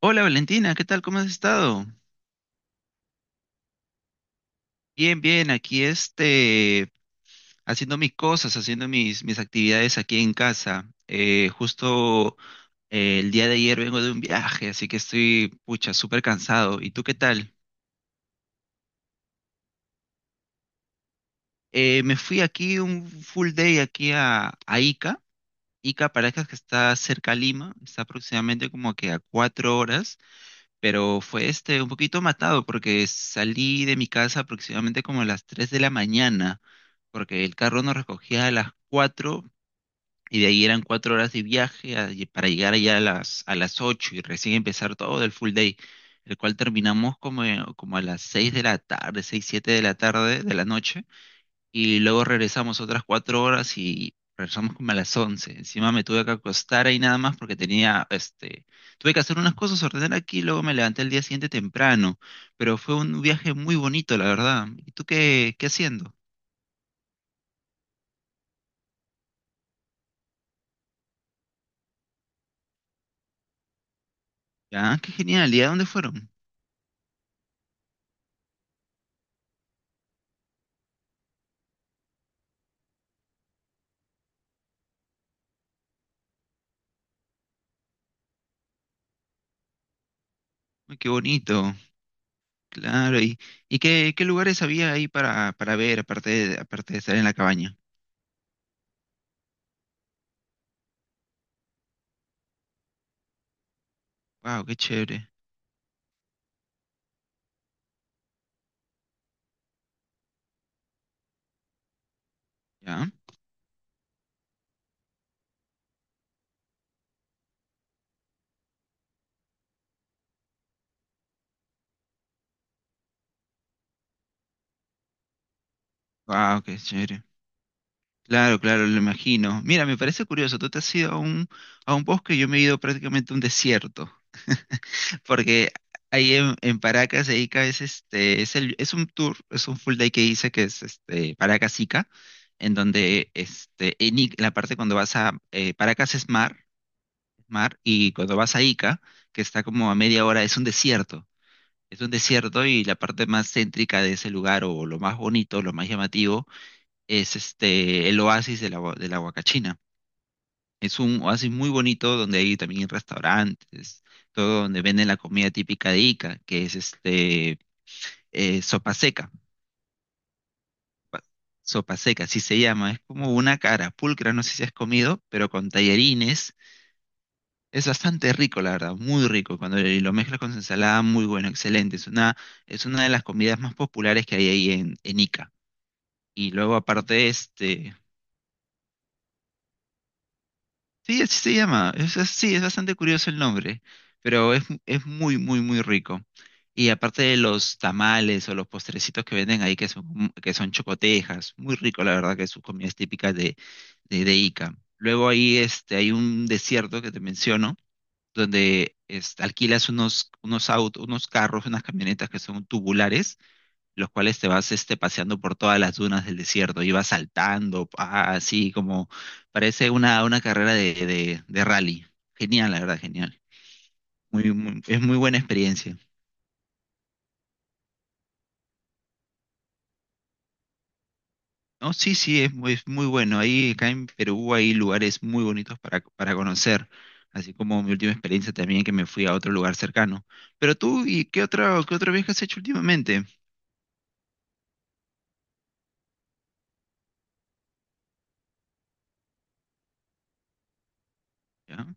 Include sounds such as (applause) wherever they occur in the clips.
Hola Valentina, ¿qué tal? ¿Cómo has estado? Bien, bien, aquí haciendo mis cosas, haciendo mis actividades aquí en casa. Justo el día de ayer vengo de un viaje, así que estoy, pucha, súper cansado. ¿Y tú qué tal? Me fui aquí un full day aquí a Ica. Ica, Paracas, que está cerca a Lima, está aproximadamente como que a 4 horas. Pero fue un poquito matado porque salí de mi casa aproximadamente como a las 3 de la mañana, porque el carro nos recogía a las 4 y de ahí eran 4 horas de viaje y para llegar allá a a las 8 y recién empezar todo el full day, el cual terminamos como a las 6 de la tarde, 6 7 de la tarde de la noche y luego regresamos otras 4 horas y regresamos como a las 11. Encima me tuve que acostar ahí nada más porque tenía, tuve que hacer unas cosas, ordenar aquí, y luego me levanté el día siguiente temprano, pero fue un viaje muy bonito, la verdad. ¿Y tú qué haciendo? Ah, qué genial, ¿y a dónde fueron? Ay, qué bonito, claro, y qué lugares había ahí para ver, aparte de estar en la cabaña. Wow, qué chévere. ¿Ya? Wow, qué chévere. Claro, claro, lo imagino. Mira, me parece curioso, tú te has ido a a un bosque y yo me he ido prácticamente a un desierto, (laughs) porque ahí en Paracas, de Ica, es un tour, es un full day que hice que es Paracas Ica, en donde la parte cuando vas a Paracas es mar, y cuando vas a Ica, que está como a media hora, es un desierto. Es un desierto y la parte más céntrica de ese lugar, o lo más bonito, lo más llamativo, es el oasis de de la Huacachina. Es un oasis muy bonito donde hay también restaurantes, todo donde venden la comida típica de Ica, que es eh, sopa seca, sopa seca, así se llama. Es como una cara pulcra, no sé si has comido, pero con tallarines. Es bastante rico, la verdad, muy rico. Cuando lo mezclas con ensalada, muy bueno, excelente. Es una de las comidas más populares que hay ahí en Ica. Y luego aparte, sí, así se llama. Sí, es bastante curioso el nombre, pero es muy, muy, muy rico. Y aparte de los tamales o los postrecitos que venden ahí, que son chocotejas, muy rico, la verdad, que sus comidas típicas de Ica. Luego ahí hay un desierto que te menciono, donde alquilas unos autos, unos carros, unas camionetas que son tubulares los cuales te vas paseando por todas las dunas del desierto y vas saltando, pa, así como parece una carrera de rally. Genial, la verdad, genial. Es muy buena experiencia. No, sí, sí, es muy, bueno. Ahí acá en Perú hay lugares muy bonitos para conocer, así como mi última experiencia también que me fui a otro lugar cercano. Pero tú, ¿y qué otro viaje has hecho últimamente? ¿Ya?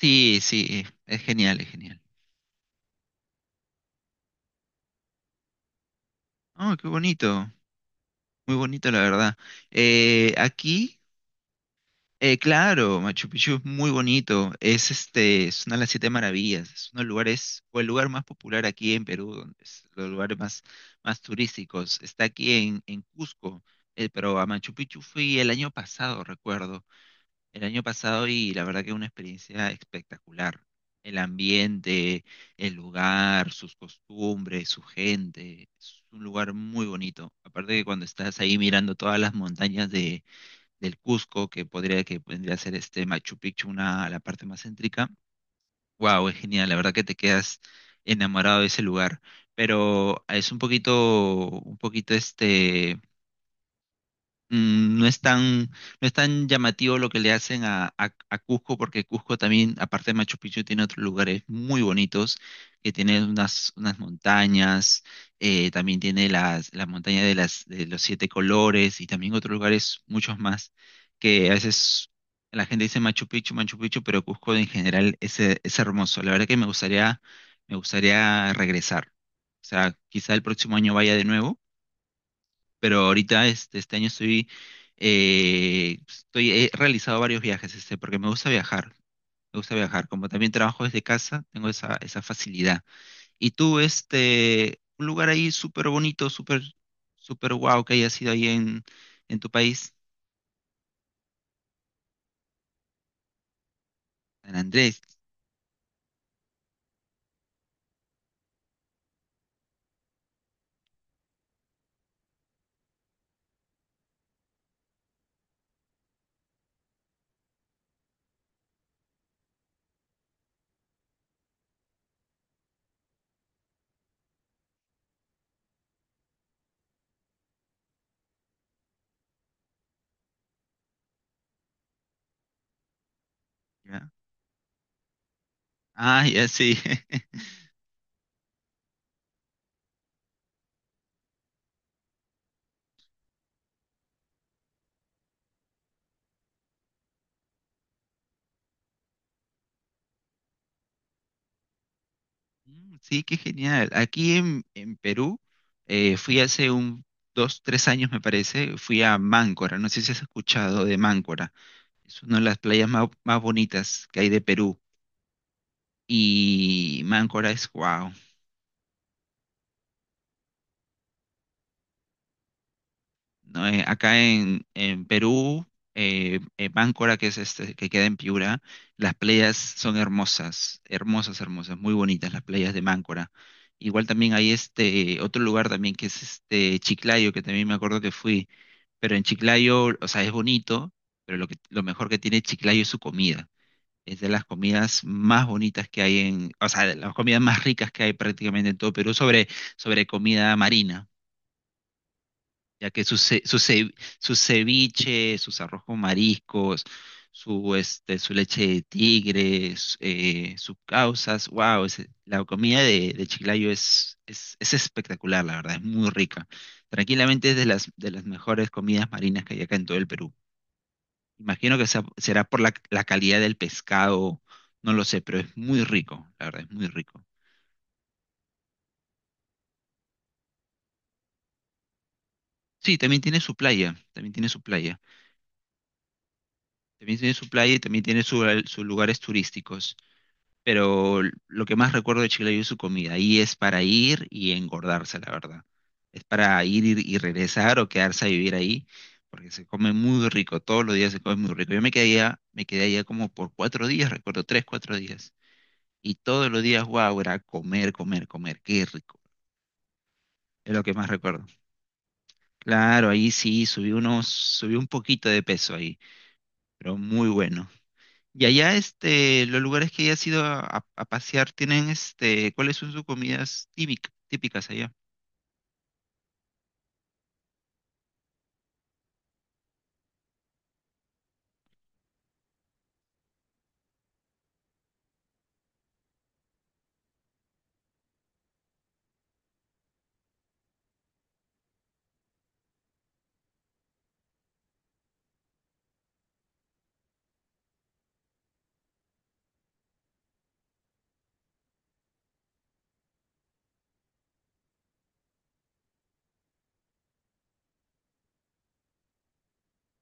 Sí, sí, es genial, es genial. Oh, qué bonito, muy bonito la verdad. Aquí. Claro, Machu Picchu es muy bonito. Es una de las siete maravillas. Es uno de los lugares, o el lugar más popular aquí en Perú, donde es los lugares más turísticos. Está aquí en Cusco, pero a Machu Picchu fui el año pasado, recuerdo. El año pasado y la verdad que una experiencia espectacular. El ambiente, el lugar, sus costumbres, su gente. Es un lugar muy bonito. Aparte que cuando estás ahí mirando todas las montañas del Cusco, que podría ser este Machu Picchu, una, la parte más céntrica. Wow, es genial, la verdad que te quedas enamorado de ese lugar. Pero es un poquito no es tan, llamativo lo que le hacen a Cusco, porque Cusco también, aparte de Machu Picchu, tiene otros lugares muy bonitos, que tiene unas montañas, también tiene la montaña de los siete colores y también otros lugares, muchos más, que a veces la gente dice Machu Picchu, Machu Picchu, pero Cusco en general es hermoso. La verdad que me gustaría regresar. O sea, quizá el próximo año vaya de nuevo, pero ahorita este año estoy, he realizado varios viajes, porque me gusta viajar, como también trabajo desde casa, tengo esa facilidad. Y tú, un lugar ahí súper bonito, súper, súper guau que hayas ido ahí en tu país, San Andrés, ¿ya? Ah, ya sí. (laughs) Mm, sí, qué genial. Aquí en Perú fui hace un dos, tres años me parece, fui a Máncora, no sé si has escuchado de Máncora. Es una de las playas más bonitas que hay de Perú. Y Máncora es wow. No, acá en Perú, Máncora, que es que queda en Piura, las playas son hermosas, hermosas, hermosas, muy bonitas las playas de Máncora. Igual también hay otro lugar también que es Chiclayo, que también me acuerdo que fui, pero en Chiclayo, o sea, es bonito, pero lo mejor que tiene Chiclayo es su comida. Es de las comidas más bonitas que hay o sea, de las comidas más ricas que hay prácticamente en todo Perú sobre comida marina, ya que su ceviche, sus arroz con mariscos, su leche de tigre, sus causas, wow, la comida de Chiclayo es espectacular, la verdad, es muy rica. Tranquilamente es de de las mejores comidas marinas que hay acá en todo el Perú. Será por la calidad del pescado, no lo sé, pero es muy rico, la verdad, es muy rico. Sí, también tiene su playa, también tiene su playa, también tiene su playa y también tiene sus lugares turísticos, pero lo que más recuerdo de Chile es su comida, y es para ir y engordarse, la verdad. Es para ir y regresar o quedarse a vivir ahí, porque se come muy rico, todos los días se come muy rico. Yo me quedé allá como por 4 días, recuerdo, tres, cuatro días. Y todos los días, guau, era comer, comer, comer. Qué rico. Es lo que más recuerdo. Claro, ahí sí, subí un poquito de peso ahí, pero muy bueno. Y allá, los lugares que hayas ido a pasear tienen, ¿cuáles son sus comidas típicas allá?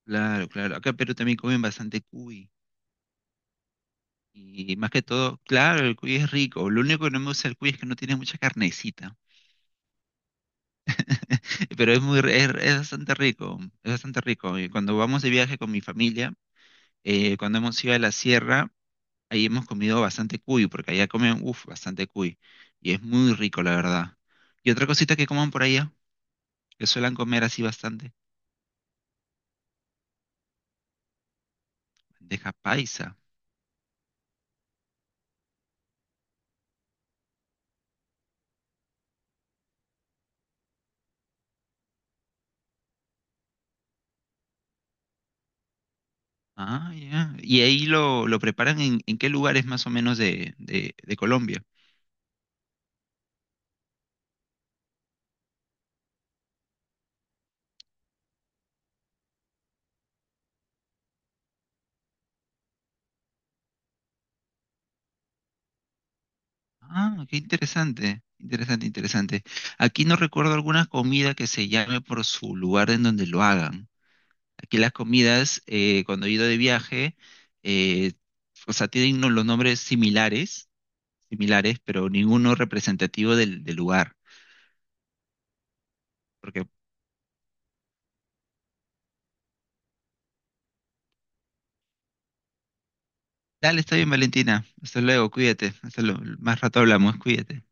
Claro, claro. Acá en Perú también comen bastante cuy. Y más que todo, claro, el cuy es rico. Lo único que no me gusta del cuy es que no tiene mucha carnecita. (laughs) Pero es es bastante rico, es bastante rico. Y cuando vamos de viaje con mi familia, cuando hemos ido a la sierra, ahí hemos comido bastante cuy, porque allá comen, uff, bastante cuy. Y es muy rico, la verdad. Y otra cosita que coman por allá, que suelen comer así bastante, bandeja paisa. Ah, ya. Y ahí lo preparan en qué lugares más o menos de Colombia. Ah, qué interesante, interesante, interesante. Aquí no recuerdo alguna comida que se llame por su lugar en donde lo hagan. Aquí las comidas, cuando he ido de viaje, eh, o sea, tienen los nombres similares pero ninguno representativo del lugar. Porque, dale, está bien, Valentina. Hasta luego, cuídate. Más rato hablamos, cuídate.